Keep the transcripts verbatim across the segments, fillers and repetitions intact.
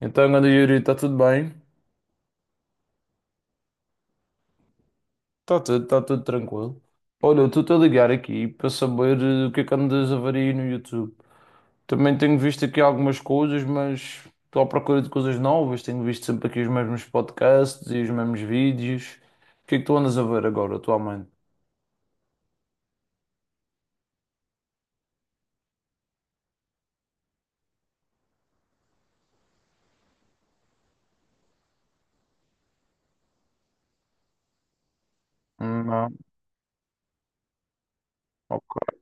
Então, grande Yuri, está tudo bem? Está tudo, está tudo tranquilo. Olha, eu estou-te a ligar aqui para saber eh, o que é que andas a ver aí no YouTube. Também tenho visto aqui algumas coisas, mas estou à procura de coisas novas. Tenho visto sempre aqui os mesmos podcasts e os mesmos vídeos. O que é que tu andas a ver agora, atualmente? Não, ok.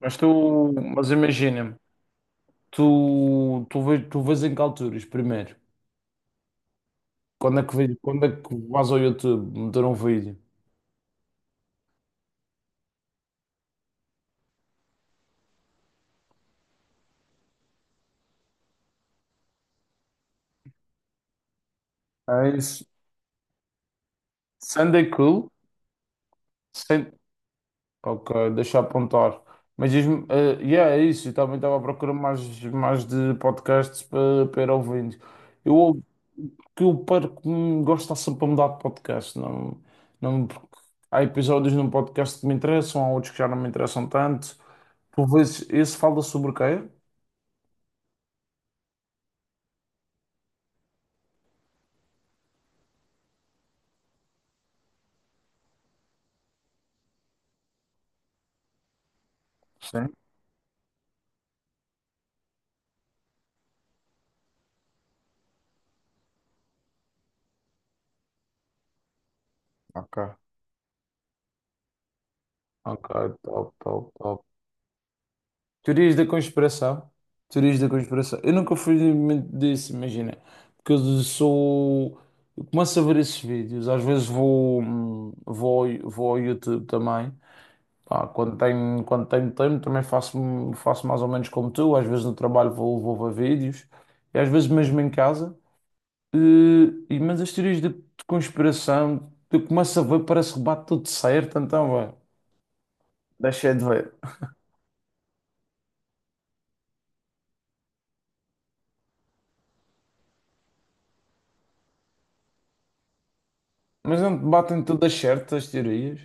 Mas tu, mas imagina-me, tu, tu, vês, tu vês em que alturas primeiro? Quando é que, vês- quando é que vais ao YouTube meter um vídeo? É isso. Sunday Cool? Ok, deixa eu apontar. Mas diz-me, eh, yeah, é isso. Eu também estava a procurar mais, mais de podcasts para, para ir ouvindo. Eu que eu perco, hum, gosto de estar sempre a mudar de podcast. Não, não, porque há episódios num podcast que me interessam, há outros que já não me interessam tanto. Por vezes, esse fala sobre o quê? Sim. Ok. Ok, top, top, top. Teorias da conspiração. Teorias da conspiração. Eu nunca fui muito disso, imagina. Porque eu sou. Eu começo a ver esses vídeos. Às vezes vou, hum, vou, ao- vou ao YouTube também. Pá, quando tenho, quando tenho tempo também faço, faço mais ou menos como tu. Às vezes no trabalho vou, vou ver vídeos. E às vezes mesmo em casa. Eh, E, mas as teorias de, de conspiração, eu começo a ver, parece que bate tudo certo. Então, vai. Deixei de ver. Mas não te batem todas certas as teorias?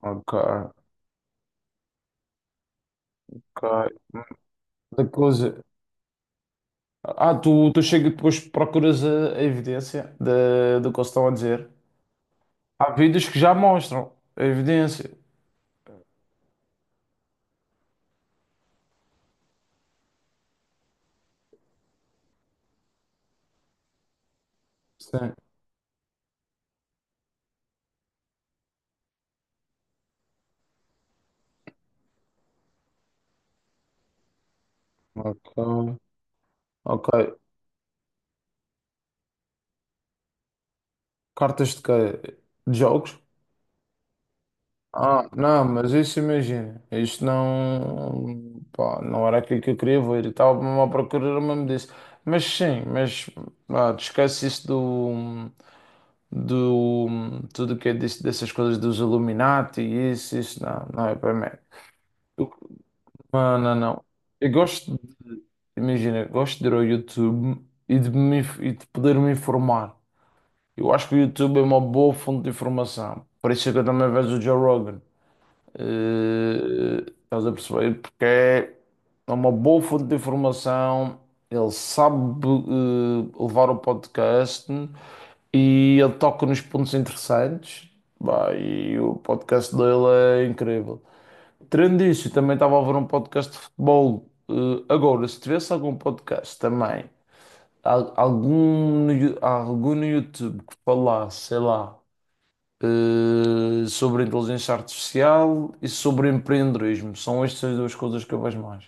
Ok. Ok. Da coisa. Ah, tu, tu chega e depois procuras a, a evidência da do que eles estão a dizer. Há vídeos que já mostram a evidência. Sim. Ok. Ok. Cartas de quê? De jogos? Ah, não, mas isso imagina. Isto não. Pá, não era aquilo que eu queria ver e tal. Estava a procurar o mesmo disso. Mas sim, mas. Ah, te esquece isso do. Do. Tudo o que é disso, dessas coisas dos Illuminati e isso, isso não. Não é para mim. Eu- Não, não, não. Eu gosto, de- Imagina, eu gosto de ir ao YouTube e de, me, inf- e de poder me informar. Eu acho que o YouTube é uma boa fonte de informação. Por isso é que eu também vejo o Joe Rogan. Eh, estás a perceber? Porque é é uma boa fonte de informação. Ele sabe, eh, levar o podcast e ele toca nos pontos interessantes. Bah, e o podcast dele é incrível. Tirando isso, também estava a ouvir um podcast de futebol. Eh, agora, se tivesse algum podcast também, al- algum, no Yo- algum no YouTube que falasse, sei lá, eh, sobre inteligência artificial e sobre empreendedorismo, são estas duas coisas que eu vejo mais.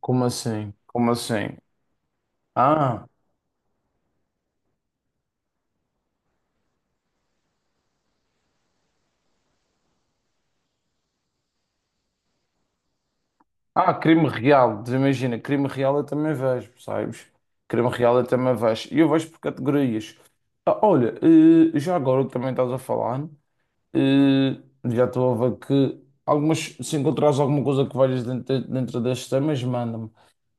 Como assim? Como assim? Ah, ah, crime real. Imagina, crime real eu também vejo, sabes? Crime real eu também vejo. E eu vejo por categorias. Ah, olha, eh, já agora que também estás a falar. Eh, Já estou a ver que algumas, se encontrares alguma coisa que valhas dentro, dentro destes temas, manda-me.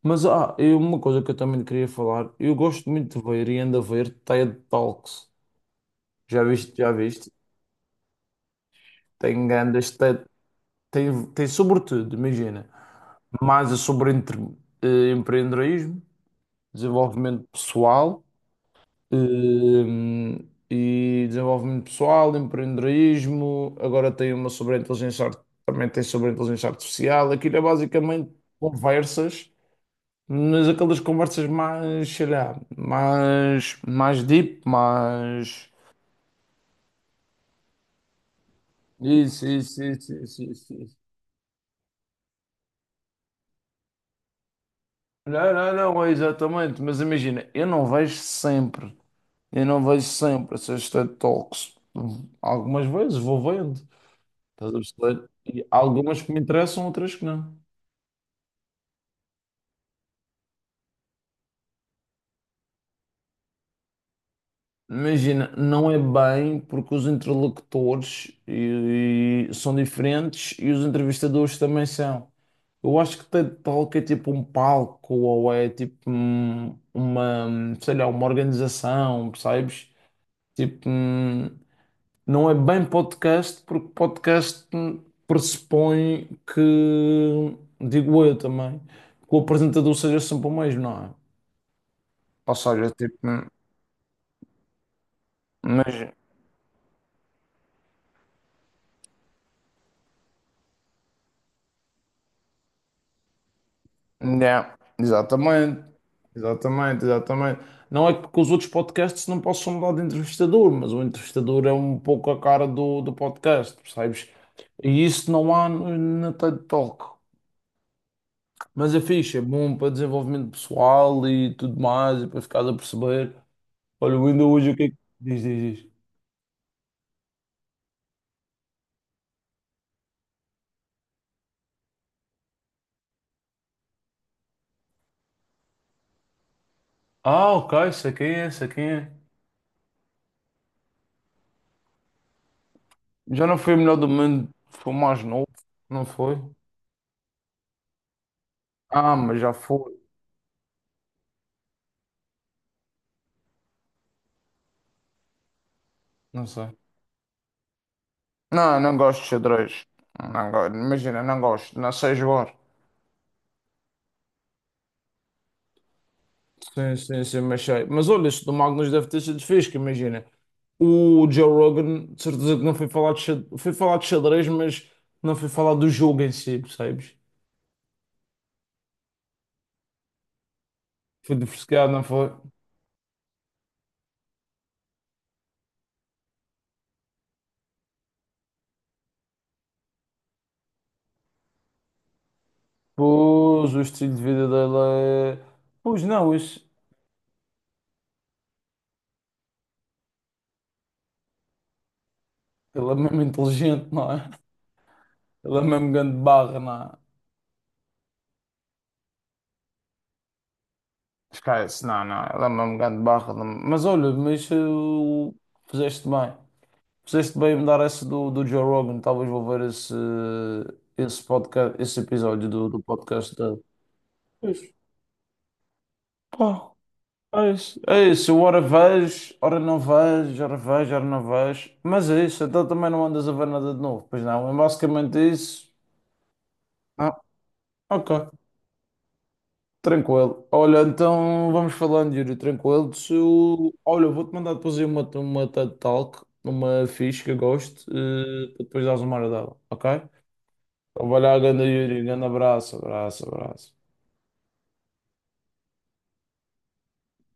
Mas ah, e uma coisa que eu também queria falar, eu gosto muito de ver e ando a ver TED Talks. Já viste, já viste? Tem grandes TED, tem, tem sobretudo, imagina, mais é sobre entre, eh, empreendedorismo, desenvolvimento pessoal. Hum, e desenvolvimento pessoal, empreendedorismo, agora tem uma sobre a inteligência, art- também tem sobre a inteligência artificial. Aquilo é basicamente conversas, mas aquelas conversas mais, sei lá, mais, mais deep, mais. Isso, isso, isso, isso, isso, isso. Não, não, não, é exatamente, mas imagina, eu não vejo sempre, eu não vejo sempre essas TED Talks. Algumas vezes vou vendo. Estás a perceber? E há algumas que me interessam, outras que não. Imagina, não é bem porque os interlocutores e- e são diferentes e os entrevistadores também são. Eu acho que TED Talk é tipo um palco ou é tipo um- uma, sei lá, uma organização, percebes? Tipo, hum, não é bem podcast porque podcast hum, pressupõe que, digo eu também, que o apresentador seja sempre o mesmo, não é? Ou seja, tipo, mas, yeah, exatamente, exatamente, exatamente. Não é que com os outros podcasts não possam mudar de entrevistador, mas o entrevistador é um pouco a cara do, do podcast, percebes? E isso não há no- na TED Talk. Mas é fixe, é bom para desenvolvimento pessoal e tudo mais, e para ficar a perceber. Olha, o ainda hoje o que é que diz, diz, diz. Ah, ok, sei quem é, sei quem é. Já não foi o melhor do mundo, foi o mais novo, não foi? Ah, mas já foi, não sei. Não, não gosto de xadrez. Não go- Imagina, não gosto, não sei jogar. Sim, sim, sim, mas sei. Mas olha, isso do Magnus deve ter sido fixe, que imagina. O Joe Rogan, de certeza que não foi falar de xadrez, foi falar de xadrez, mas não foi falar do jogo em si, percebes? Foi diversificado, não foi? Pois, o estilo de vida dele é. Pois não, isso. Ele é mesmo inteligente, não é? Ele é mesmo grande barra, não é? Esquece, não, não, ela é uma grande barra. não- Mas olha, mas eh, o fizeste bem. Fizeste bem em me dar essa do, do Joe Rogan, talvez vou ver esse, esse podcast, esse episódio do, do podcast dele. Pois, pá, é isso. É isso, eu ora vejo, ora não vejo, ora vejo, ora não vejo. Mas é isso, então também não andas a ver nada de novo, pois não, é basicamente isso. Ah, ok, tranquilo. Olha, então vamos falando, Yuri, tranquilo. Se eu- Olha, eu vou-te mandar depois aí uma, uma TED Talk, uma ficha que eu gosto, eh, para depois dares uma hora dela, ok? Vamos olhar, grande Yuri. Grande abraço, abraço, abraço.